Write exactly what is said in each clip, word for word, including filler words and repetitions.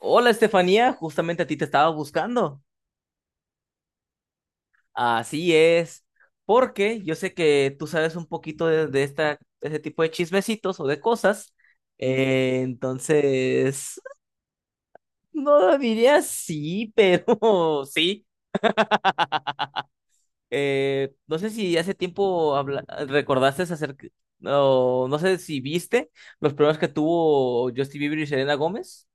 Hola Estefanía, justamente a ti te estaba buscando. Así es, porque yo sé que tú sabes un poquito de, de esta, de este tipo de chismecitos o de cosas. Eh, entonces, no diría sí, pero sí. Eh, no sé si hace tiempo habla- recordaste acerca, no, no sé si viste los problemas que tuvo Justin Bieber y Selena Gómez.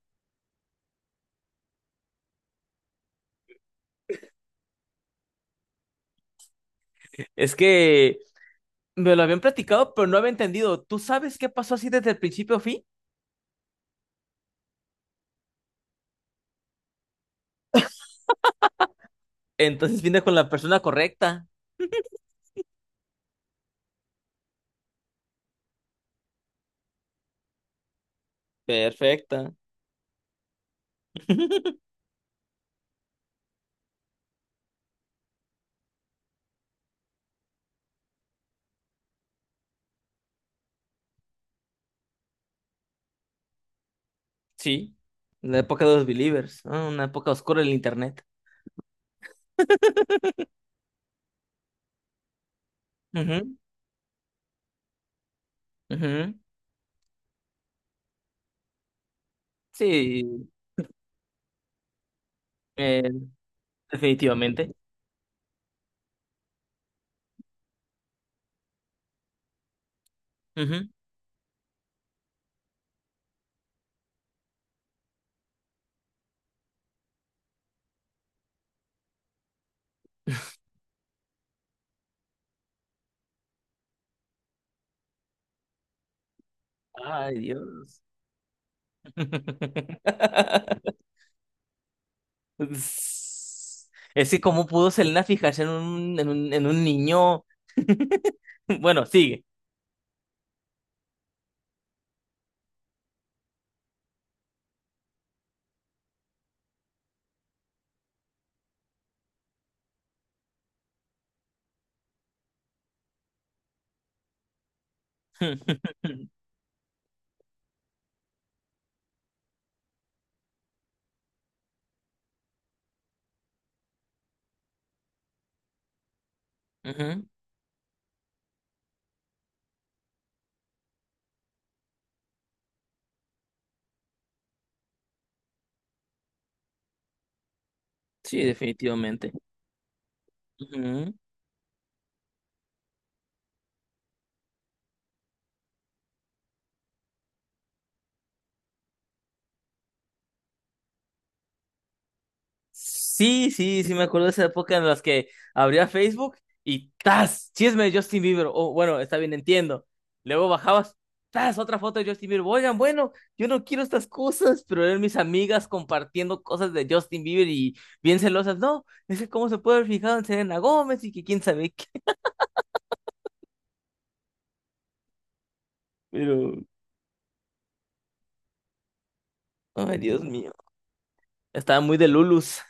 Es que me lo habían platicado, pero no había entendido. ¿Tú sabes qué pasó así desde el principio, a fin? Entonces viene con la persona correcta. Perfecta. Sí. La época de los believers, ¿no? Una época oscura del internet. Ujú, ujú. Sí, eh, definitivamente. Ujú. Ay, Dios. Es que cómo pudo Selena fijarse en un, en un, en un niño. Bueno, sigue. Ujú. Sí, definitivamente. Ujú. Sí, sí, sí, me acuerdo de esa época en las que abría Facebook y ¡tas! Chisme de Justin Bieber. Oh, bueno, está bien, entiendo. Luego bajabas, ¡tas! Otra foto de Justin Bieber. Oigan, bueno, yo no quiero estas cosas, pero eran mis amigas compartiendo cosas de Justin Bieber y bien celosas. No, es que cómo se puede haber fijado en Selena Gómez y que quién sabe qué. Pero, ay, Dios mío. Estaba muy de Lulus.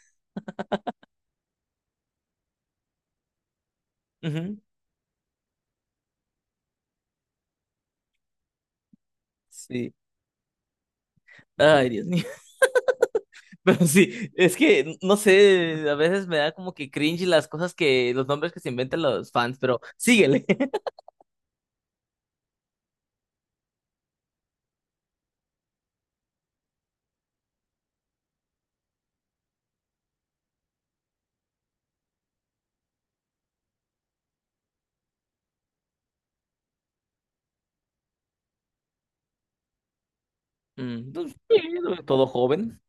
Ujú, sí. Ay, Dios mío. Pero sí, es que, no sé, a veces me da como que cringe las cosas que, los nombres que se inventan los fans, pero síguele. Mm, pues, sí, todo joven.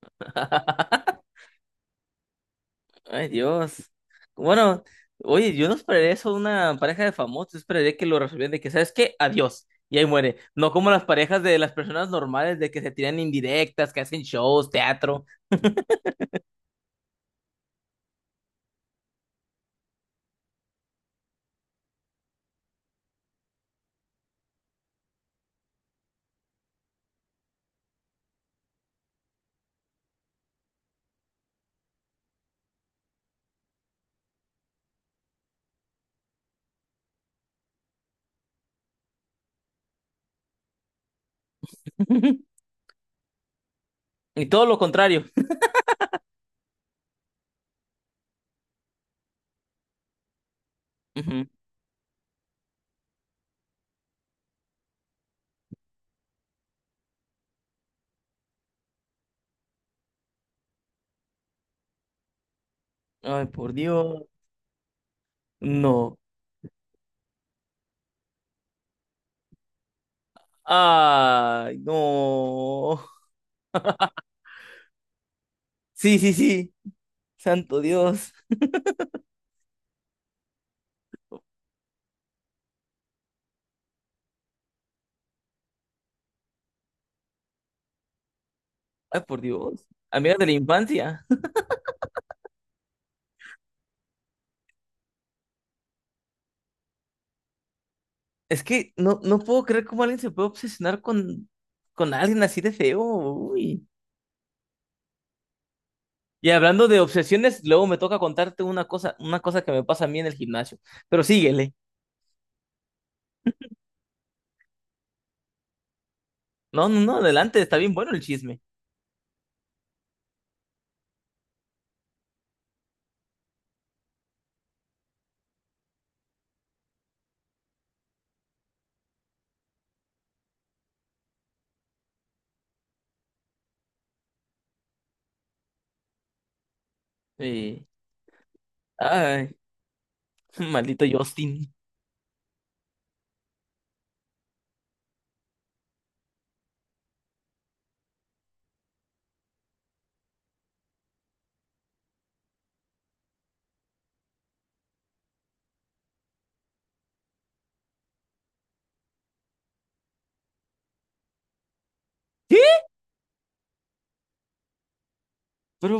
Ay, Dios. Bueno, oye, yo no esperaría eso de una pareja de famosos, yo esperaría que lo resolvieran de que, ¿sabes qué? Adiós. Y ahí muere. No como las parejas de las personas normales de que se tiran indirectas, que hacen shows, teatro. Y todo lo contrario. Ujú. Ay, por Dios. No. Ay, no. Sí, sí, sí. Santo Dios. Ay, por Dios. Amigas de la infancia. Es que no, no puedo creer cómo alguien se puede obsesionar con, con alguien así de feo. Uy. Y hablando de obsesiones, luego me toca contarte una cosa, una cosa que me pasa a mí en el gimnasio. Pero síguele. No, no, no, adelante, está bien bueno el chisme. Sí. Ay, maldito Justin. ¿Qué? ¿Pero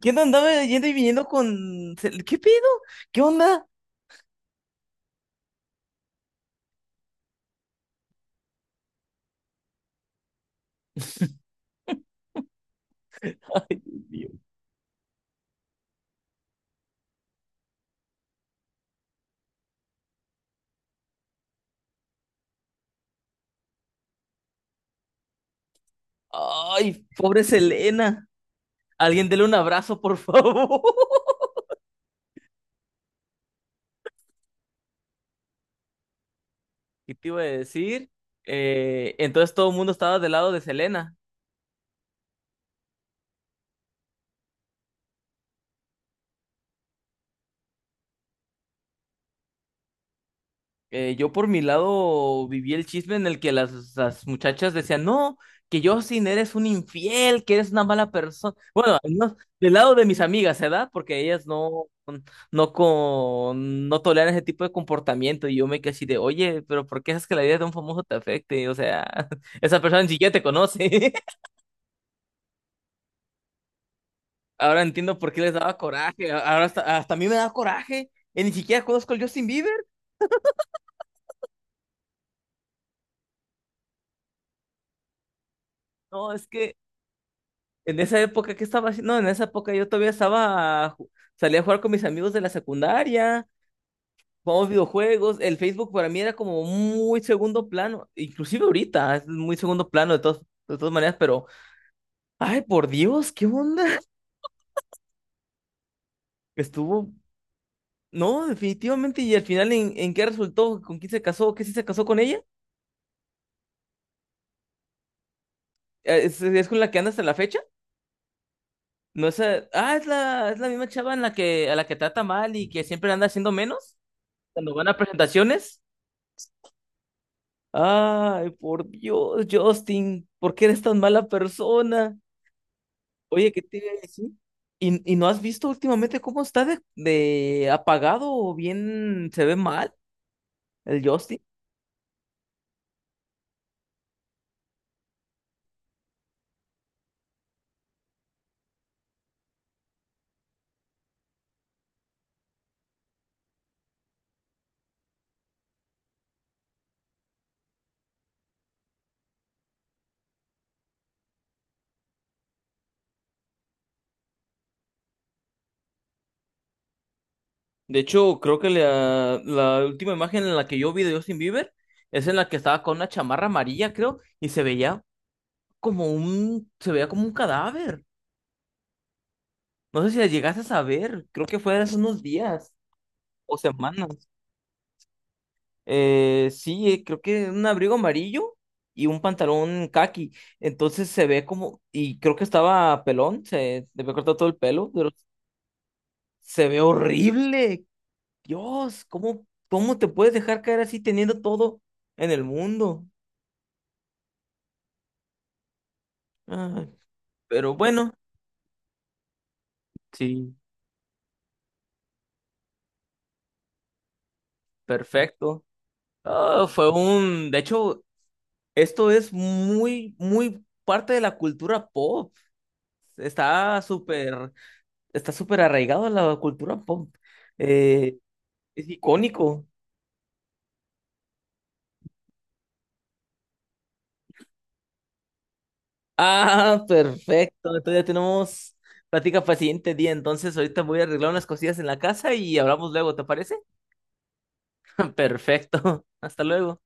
quién andaba yendo y viniendo con... Sel- ¿Qué pedo? ¿Qué onda? Ay, pobre Selena. Alguien dele un abrazo, por favor. ¿Qué te iba a decir? Eh, entonces todo el mundo estaba del lado de Selena. Eh, yo por mi lado viví el chisme en el que las, las muchachas decían, no, que Justin eres un infiel, que eres una mala persona. Bueno, al menos del lado de mis amigas, ¿verdad? Porque ellas no, no, con, no toleran ese tipo de comportamiento. Y yo me quedé así de, oye, pero ¿por qué haces que la vida de un famoso te afecte? O sea, esa persona ni siquiera te conoce. Ahora entiendo por qué les daba coraje. Ahora hasta, hasta a mí me da coraje. Y ni siquiera conozco al Justin Bieber. No, es que en esa época, ¿qué estaba haciendo? No, en esa época yo todavía estaba. Ju- salía a jugar con mis amigos de la secundaria. Jugamos videojuegos. El Facebook para mí era como muy segundo plano. Inclusive ahorita es muy segundo plano de todas, de todas maneras. Pero, ay, por Dios, ¿qué onda? Estuvo. No, definitivamente. ¿Y al final en, en qué resultó? ¿Con quién se casó? ¿Qué sí se casó con ella? Eh, ¿Es, es con la que anda hasta la fecha? No es, eh, ah, es la, es la misma chava en la que, a la que trata mal y que siempre anda haciendo menos cuando van a presentaciones. Ay, por Dios, Justin, ¿por qué eres tan mala persona? Oye, ¿qué te iba a decir? ¿Y, y no has visto últimamente cómo está de, de apagado o bien se ve mal el Justin? De hecho, creo que la, la última imagen en la que yo vi de Justin Bieber es en la que estaba con una chamarra amarilla, creo, y se veía como un, se veía como un cadáver. No sé si la llegaste a ver, creo que fue hace unos días o semanas. Eh, sí, eh, creo que un abrigo amarillo y un pantalón caqui. Entonces se ve como, y creo que estaba pelón, se le había cortado todo el pelo, pero se ve horrible. Dios, ¿cómo, cómo te puedes dejar caer así teniendo todo en el mundo? Ay, pero bueno, sí, perfecto. Ah, fue un, de hecho, esto es muy, muy parte de la cultura pop. Está súper, está súper arraigado en la cultura pop. Eh, es icónico. Ah, perfecto. Entonces ya tenemos plática para el siguiente día. Entonces ahorita voy a arreglar unas cosillas en la casa y hablamos luego, ¿te parece? Perfecto. Hasta luego.